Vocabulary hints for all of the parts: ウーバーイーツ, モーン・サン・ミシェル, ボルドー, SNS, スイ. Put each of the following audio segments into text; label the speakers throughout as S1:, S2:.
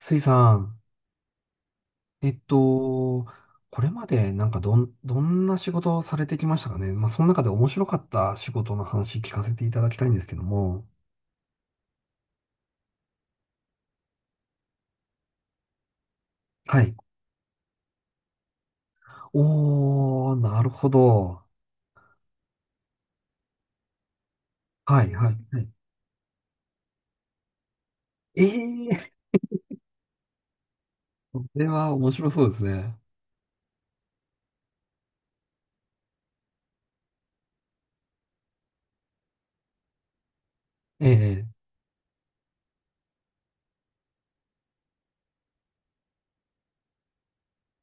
S1: スイさん、えっと、これまでなんかどんな仕事をされてきましたかね。まあ、その中で面白かった仕事の話聞かせていただきたいんですけども。はい。おー、なるほど。はい、はい、はい。ええー、これは面白そうですね。ええ、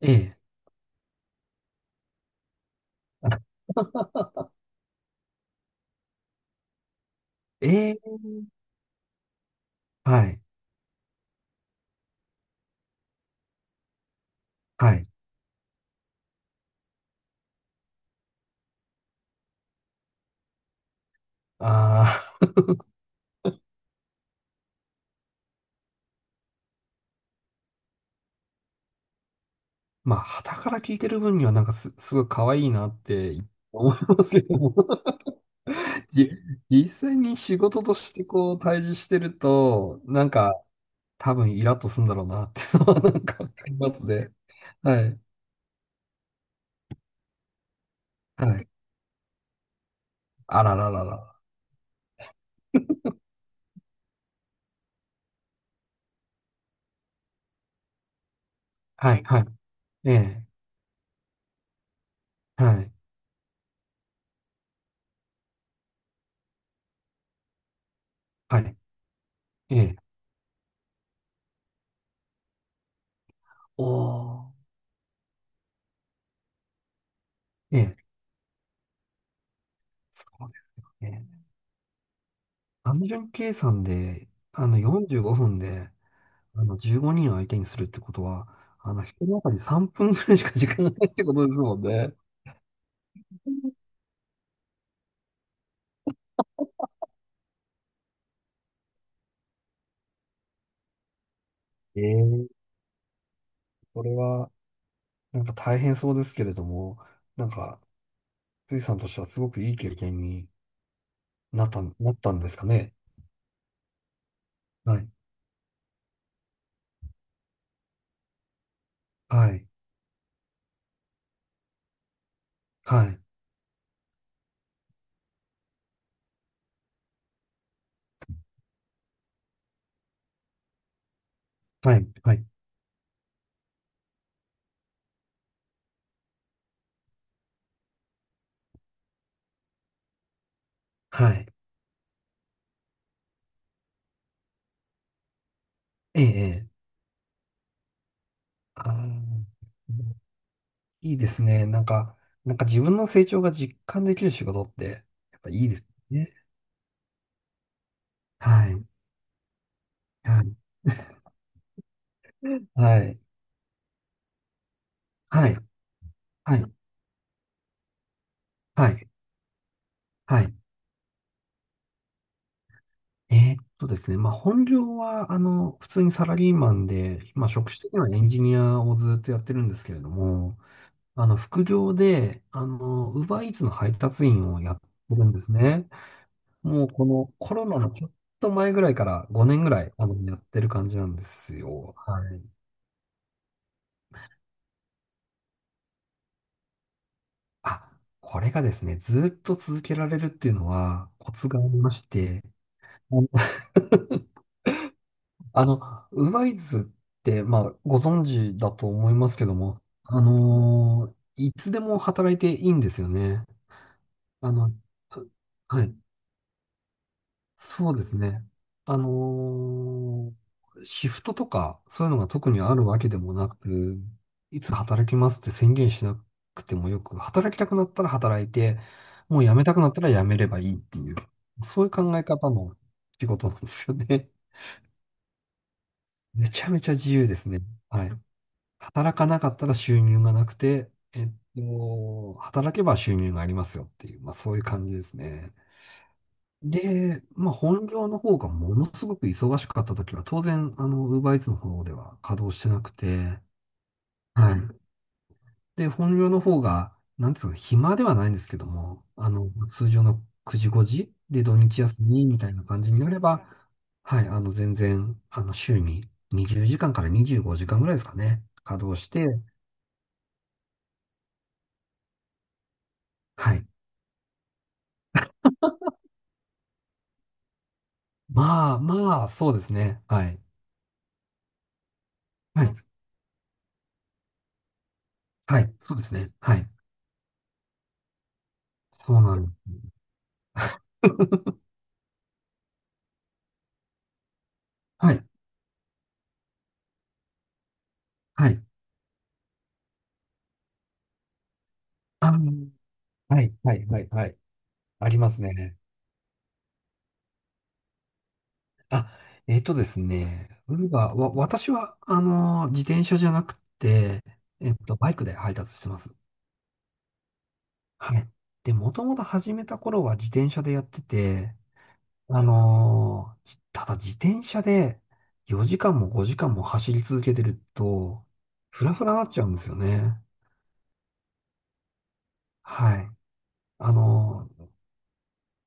S1: ええ、あええ、はい、はい。あー、まあ、傍から聞いてる分にはなんかすごい可愛いなって思いますけども。じ、実際に仕事としてこう対峙してると、なんか多分イラッとするんだろうなっていうのはなんかわかりますね。はい。はい。あらららら。はい。はい。ええ。はい。はい。ええ。おー。ええ。そうですよね。単純計算で、45分で、15人を相手にするってことは、一人当たり3分ぐらいしか時間がないってことですもんね。ええ、これは。なんか大変そうですけれども、なんか、スイさんとしてはすごくいい経験になったんですかね。はい。はい。はい。はい。はい。はい。ええ。ええ。あー、いいですね。なんか自分の成長が実感できる仕事って、やっぱいいですね。はい。はい。はい。はい。はい。はい。はい。ですね。まあ、本業は、普通にサラリーマンで、まあ、職種的にはエンジニアをずっとやってるんですけれども、副業で、ウーバーイーツの配達員をやってるんですね。もうこのコロナのちょっと前ぐらいから5年ぐらい、やってる感じなんですよ。はい。あ、これがですね、ずっと続けられるっていうのはコツがありまして、あの あの、ウーバーイーツって、まあ、ご存知だと思いますけども、いつでも働いていいんですよね。あの、はい。そうですね。あのーシフトとか、そういうのが特にあるわけでもなく、いつ働きますって宣言しなくてもよく、働きたくなったら働いて、もう辞めたくなったら辞めればいいっていう、そういう考え方の仕事なんですよね。めちゃめちゃ自由ですね。はい。働かなかったら収入がなくて、働けば収入がありますよっていう、まあそういう感じですね。で、まあ、本業の方がものすごく忙しかった時は、当然、UberEats の方では稼働してなくて、はい。で、本業の方が、なんつうの、暇ではないんですけども、通常の9時5時で土日休みみたいな感じになれば、はい、全然、週に20時間かんから25時間ぐらいですかね、稼働して、はい。まあ、そうですね。はい。はい。はい。そうですね。はい。そうなの。はい。はい。あの、はい、はい、はい、はい。ありますね。あ、ですね。ウーバーは、私は、自転車じゃなくて、バイクで配達してます。はい。で、もともと始めた頃は自転車でやってて、ただ自転車で4時間も5時間も走り続けてると、フラフラになっちゃうんですよね。はい。あのー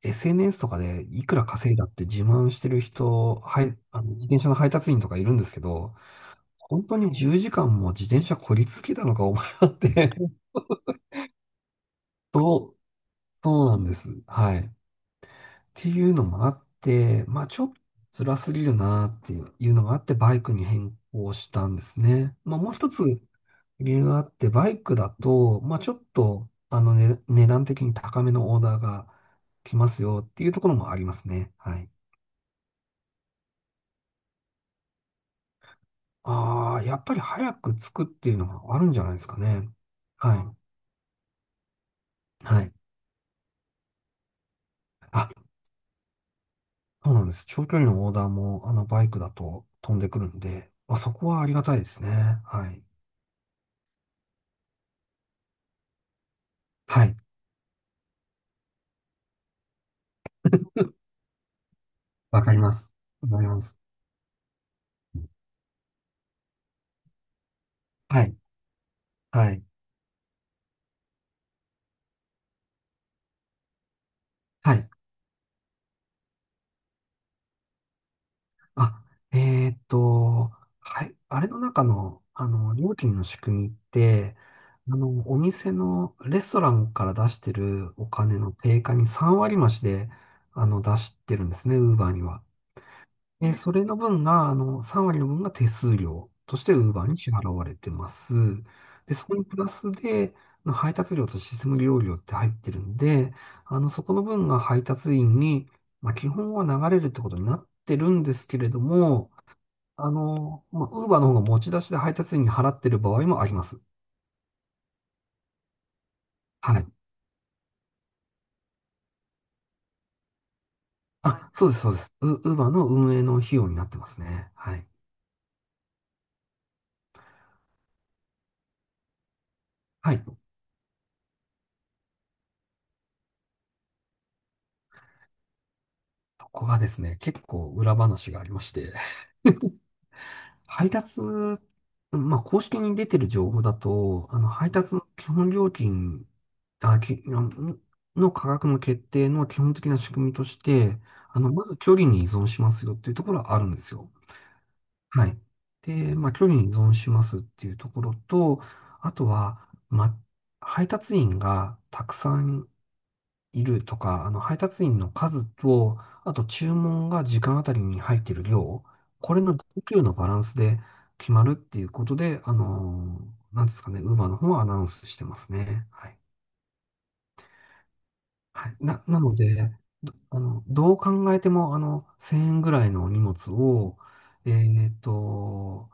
S1: SNS とかでいくら稼いだって自慢してる人、はい、あの自転車の配達員とかいるんですけど、本当に10時間も自転車こり続けたのか、お前はって そう、そうなんです。はい。っていうのもあって、まあちょっと辛すぎるなっていうのがあって、バイクに変更したんですね。まあもう一つ理由があって、バイクだと、まあちょっと、ね、値段的に高めのオーダーが来ますよっていうところもありますね。はい。ああ、やっぱり早く着くっていうのがあるんじゃないですかね。はい。はい。あ、そうなんです。長距離のオーダーも、バイクだと飛んでくるんで、あ、そこはありがたいですね。はい。はい。わかります。わかります。はい。はい。はい。あ、えーっと、はい。あれの中の、料金の仕組みって、お店のレストランから出してるお金の定価に3割増しで、出してるんですね、ウーバーには。それの分が、3割の分が手数料として Uber に支払われてます。で、そこにプラスで、あの配達料とシステム利用料って入ってるんで、そこの分が配達員に、まあ、基本は流れるってことになってるんですけれども、まあ、Uber の方が持ち出しで配達員に払ってる場合もあります。はい。あ、そうです、そうです。Uber の運営の費用になってますね。はい。はい。ここがですね、結構裏話がありまして、配達、まあ、公式に出てる情報だと、配達の基本料金、あのの価格の決定の基本的な仕組みとして、まず距離に依存しますよっていうところはあるんですよ。はい。で、まあ、距離に依存しますっていうところと、あとは、ま、配達員がたくさんいるとか、配達員の数と、あと注文が時間あたりに入っている量、これの需給のバランスで決まるっていうことで、なんですかね、ウーバーの方はアナウンスしてますね。はい。はい。なので、どう考えても、1000円ぐらいの荷物を、えっと、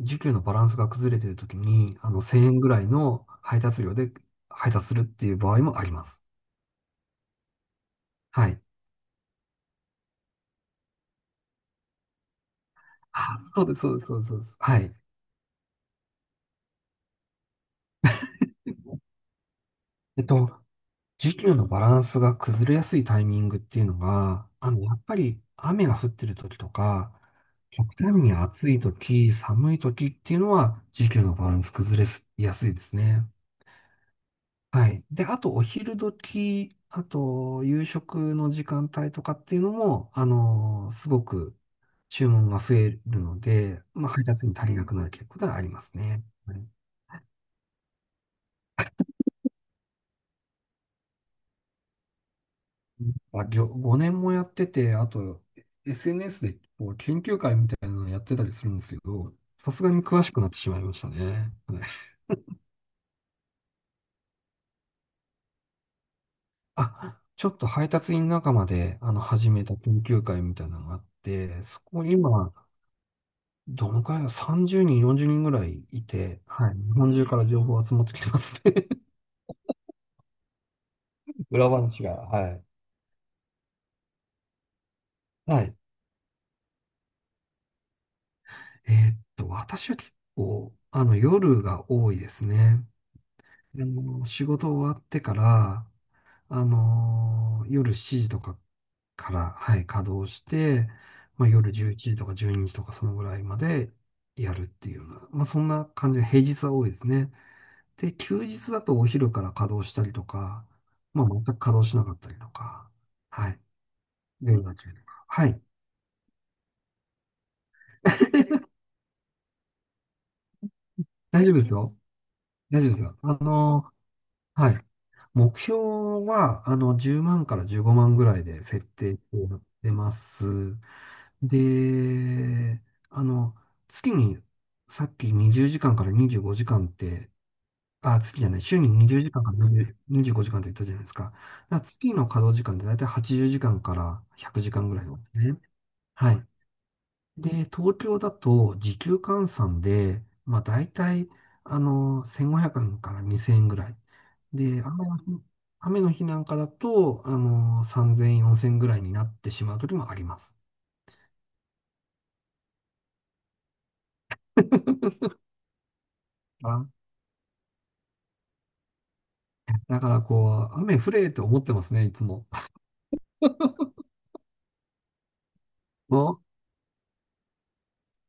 S1: 需給のバランスが崩れているときに、1000円ぐらいの配達料で配達するっていう場合もあります。はい。あ、そうです、そうです、そうです。そうですはい。えっと、時給のバランスが崩れやすいタイミングっていうのが、やっぱり雨が降ってる時とか、極端に暑い時、寒い時っていうのは、時給のバランス崩れやすいですね。はい。で、あと、お昼時、あと、夕食の時間帯とかっていうのも、すごく注文が増えるので、まあ、配達に足りなくなる傾向がありますね。あ、5年もやってて、あと SNS でこう研究会みたいなのやってたりするんですけど、さすがに詳しくなってしまいましたね。はい。あ、ちょっと配達員仲間で始めた研究会みたいなのがあって、そこ今、どのくらいだ ?30 人、40人ぐらいいて、はい。日本中から情報集まってきてますね。裏話が、はい。はい。私は結構、夜が多いですね。仕事終わってから、夜7時とかから、はい、稼働して、まあ、夜11時とか12時とかそのぐらいまでやるっていうような、まあ、そんな感じで平日は多いですね。で、休日だとお昼から稼働したりとか、まあ、全く稼働しなかったりとか、はい、夜が中とか。はい、大丈夫ですよ。大丈夫ですよ。はい。目標は、10万から15万ぐらいで設定してやってます。で、あの、月に、さっき20時間かんから25時間って、あ、月じゃない、週に20時間かんから25時間って言ったじゃないですか。だから月の稼働時間ってだいたい80時間かんから100時間ぐらいなんですね。はい。で、東京だと時給換算で、まあ大体、1500円から2000円ぐらい。で、雨の日なんかだと、3000円、4000円ぐらいになってしまう時もあります。あ、だからこう、雨降れって思ってますね、いつも。そう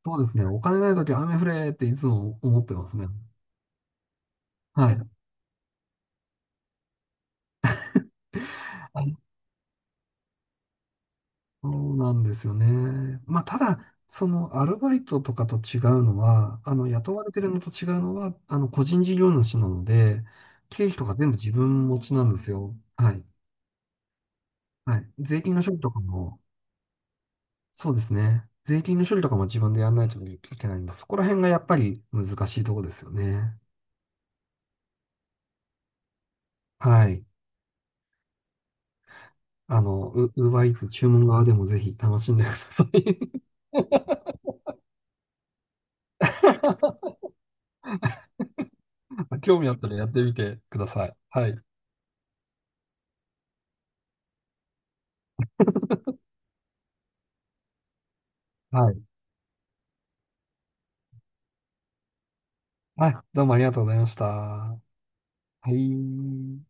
S1: そうですね。お金ない時は雨降れっていつも思ってますね。はい。そうなんですよね。まあ、ただ、そのアルバイトとかと違うのは、雇われてるのと違うのは、個人事業主なので、経費とか全部自分持ちなんですよ。はい。はい。税金の処理とかも、そうですね。税金の処理とかも自分でやらないといけないんです。そこら辺がやっぱり難しいところですよね。はい。ウーバーイーツ注文側でもぜひ楽しんでください。興味あったらやってみてください。はい。はい。はい、どうもありがとうございました。はい。